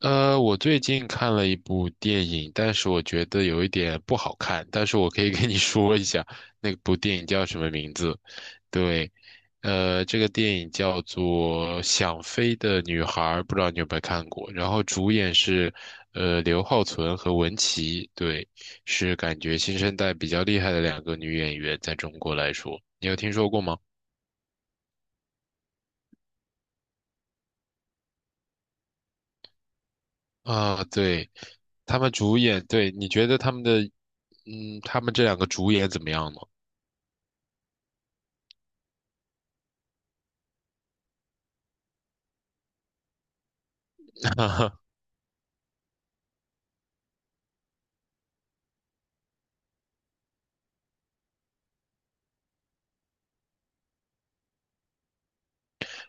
我最近看了一部电影，但是我觉得有一点不好看，但是我可以 跟你说一下，那部电影叫什么名字？对。这个电影叫做《想飞的女孩》，不知道你有没有看过？然后主演是，刘浩存和文淇，对，是感觉新生代比较厉害的两个女演员，在中国来说，你有听说过吗？啊，对，他们主演，对，你觉得他们的，嗯，他们这两个主演怎么样呢？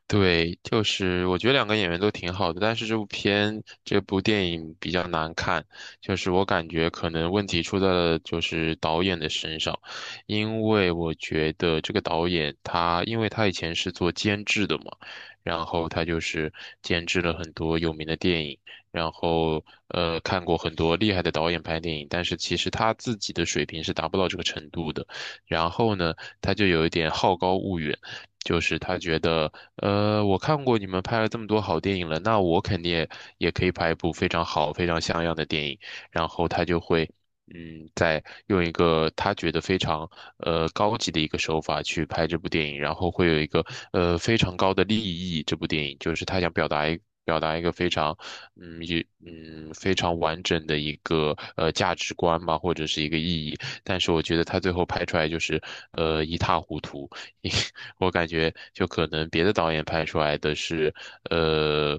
对，就是我觉得两个演员都挺好的，但是这部电影比较难看，就是我感觉可能问题出在了就是导演的身上，因为我觉得这个导演他，因为他以前是做监制的嘛，然后他就是监制了很多有名的电影，然后看过很多厉害的导演拍电影，但是其实他自己的水平是达不到这个程度的，然后呢，他就有一点好高骛远。就是他觉得，我看过你们拍了这么多好电影了，那我肯定也可以拍一部非常好、非常像样的电影。然后他就会，嗯，在用一个他觉得非常高级的一个手法去拍这部电影，然后会有一个非常高的利益。这部电影就是他想表达一个非常，嗯，也非常完整的一个价值观吧，或者是一个意义。但是我觉得他最后拍出来就是一塌糊涂。我感觉就可能别的导演拍出来的是，呃，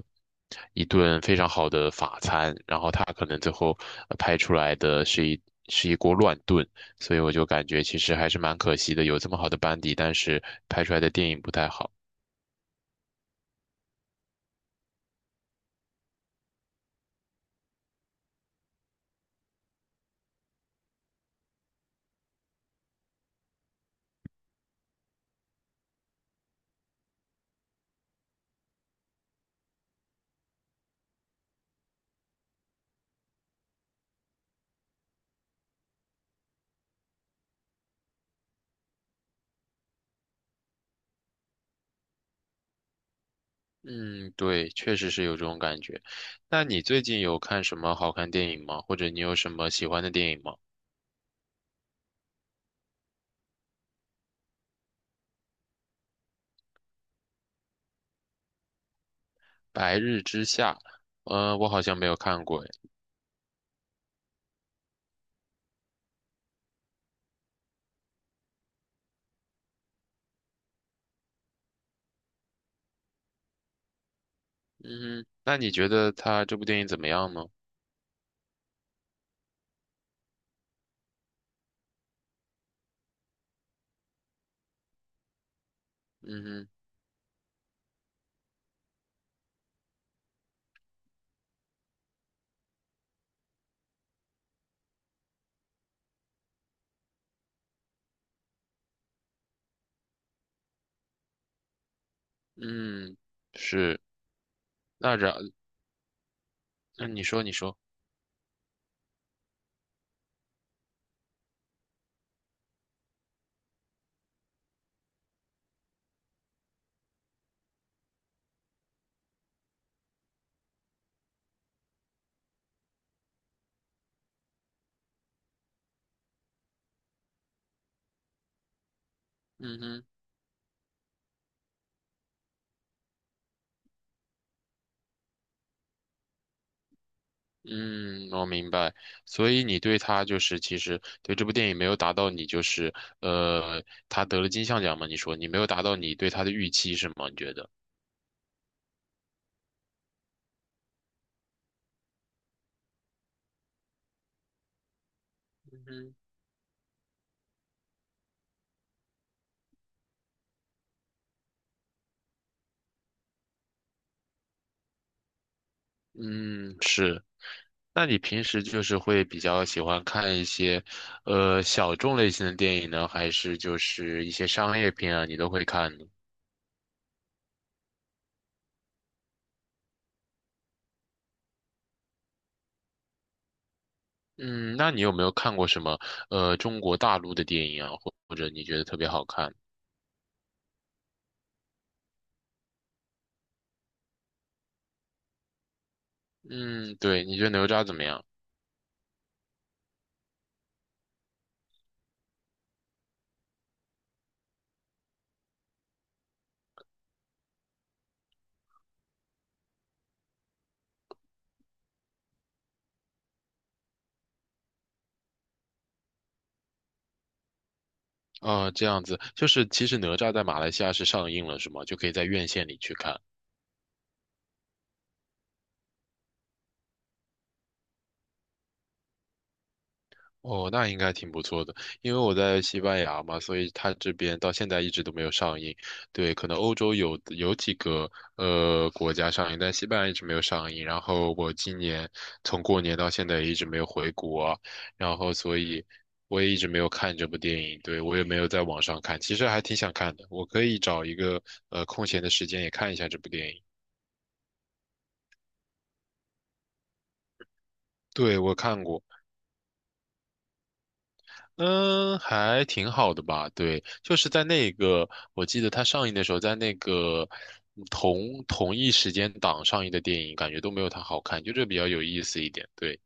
一顿非常好的法餐，然后他可能最后拍出来的是是一锅乱炖，所以我就感觉其实还是蛮可惜的，有这么好的班底，但是拍出来的电影不太好。嗯，对，确实是有这种感觉。那你最近有看什么好看电影吗？或者你有什么喜欢的电影吗？《白日之下》，我好像没有看过诶。嗯，那你觉得他这部电影怎么样呢？嗯哼。嗯，是。那然，那你说，你说，嗯哼。嗯，我明白。所以你对他就是，其实对这部电影没有达到你就是，呃，他得了金像奖嘛？你说你没有达到你对他的预期是吗？你觉得？嗯嗯，是。那你平时就是会比较喜欢看一些，小众类型的电影呢，还是就是一些商业片啊，你都会看呢？嗯，那你有没有看过什么中国大陆的电影啊，或者你觉得特别好看？嗯，对，你觉得哪吒怎么样？啊、这样子，就是其实哪吒在马来西亚是上映了，是吗？就可以在院线里去看。哦，那应该挺不错的，因为我在西班牙嘛，所以它这边到现在一直都没有上映。对，可能欧洲有几个国家上映，但西班牙一直没有上映。然后我今年从过年到现在也一直没有回国啊，然后所以我也一直没有看这部电影。对，我也没有在网上看，其实还挺想看的，我可以找一个空闲的时间也看一下这部电影。对，我看过。嗯，还挺好的吧？对，就是在那个，我记得它上映的时候，在那个嗯同一时间档上映的电影，感觉都没有它好看，就这比较有意思一点。对。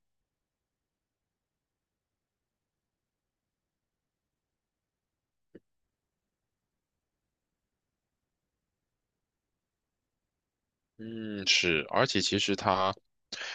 嗯，是，而且其实它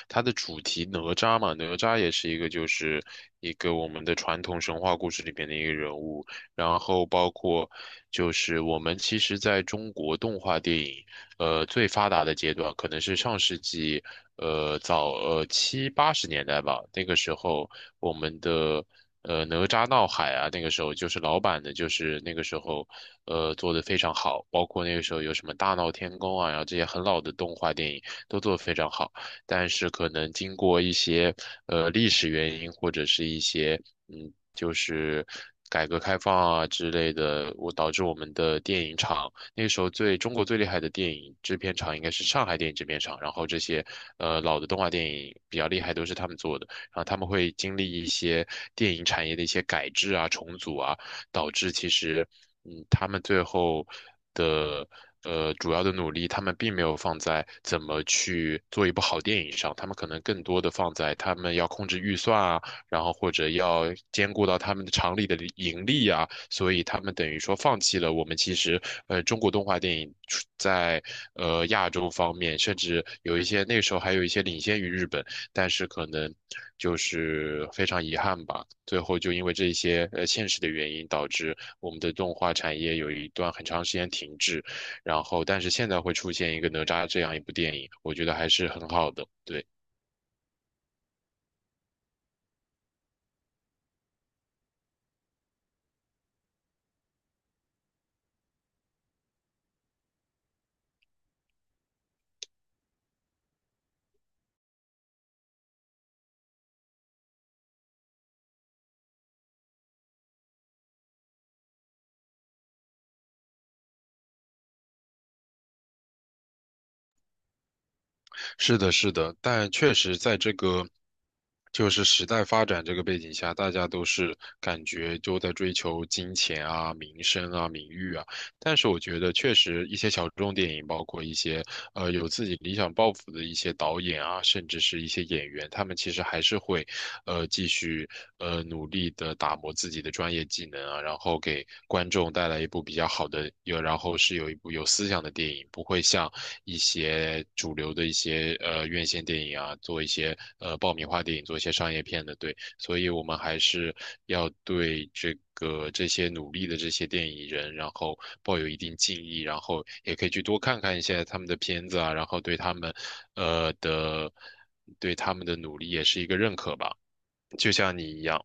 它的主题哪吒嘛，哪吒也是一个就是一个我们的传统神话故事里面的一个人物，然后包括就是我们其实在中国动画电影最发达的阶段，可能是上世纪呃早呃七八十年代吧，那个时候我们的。哪吒闹海啊，那个时候就是老版的，就是那个时候，做的非常好，包括那个时候有什么大闹天宫啊，然后这些很老的动画电影都做得非常好，但是可能经过一些历史原因或者是一些嗯，就是改革开放啊之类的，我导致我们的电影厂那个时候最中国最厉害的电影制片厂应该是上海电影制片厂，然后这些老的动画电影比较厉害都是他们做的。然后他们会经历一些电影产业的一些改制啊、重组啊，导致其实，嗯，他们最后的主要的努力，他们并没有放在怎么去做一部好电影上，他们可能更多的放在他们要控制预算啊，然后或者要兼顾到他们的厂里的利盈利啊，所以他们等于说放弃了我们其实中国动画电影出在亚洲方面，甚至有一些那时候还有一些领先于日本，但是可能就是非常遗憾吧，最后就因为这一些现实的原因，导致我们的动画产业有一段很长时间停滞，然后但是现在会出现一个哪吒这样一部电影，我觉得还是很好的，对。是的，是的，但确实在这个就是时代发展这个背景下，大家都是感觉都在追求金钱啊、名声啊、名誉啊。但是我觉得，确实一些小众电影，包括一些有自己理想抱负的一些导演啊，甚至是一些演员，他们其实还是会继续努力的打磨自己的专业技能啊，然后给观众带来一部比较好的，有然后是有一部有思想的电影，不会像。一些主流的一些院线电影啊，做一些爆米花电影，做一些商业片的，对，所以我们还是要对这些努力的这些电影人，然后抱有一定敬意，然后也可以去多看看一些他们的片子啊，然后对他们呃的对他们的努力也是一个认可吧，就像你一样。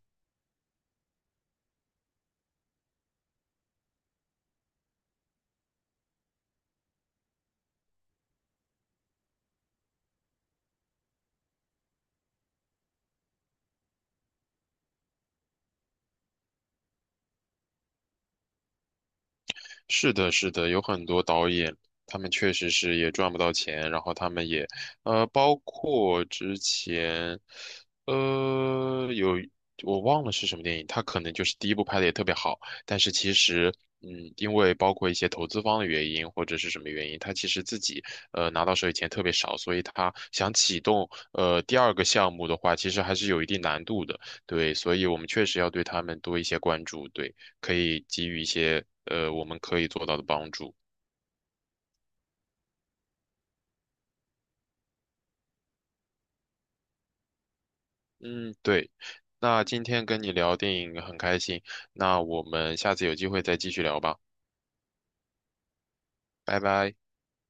是的，是的，有很多导演，他们确实是也赚不到钱，然后他们也，包括之前，有我忘了是什么电影，他可能就是第一部拍的也特别好，但是其实，嗯，因为包括一些投资方的原因或者是什么原因，他其实自己拿到手里钱特别少，所以他想启动第二个项目的话，其实还是有一定难度的，对，所以我们确实要对他们多一些关注，对。可以给予一些我们可以做到的帮助。嗯，对。那今天跟你聊电影很开心，那我们下次有机会再继续聊吧，拜拜。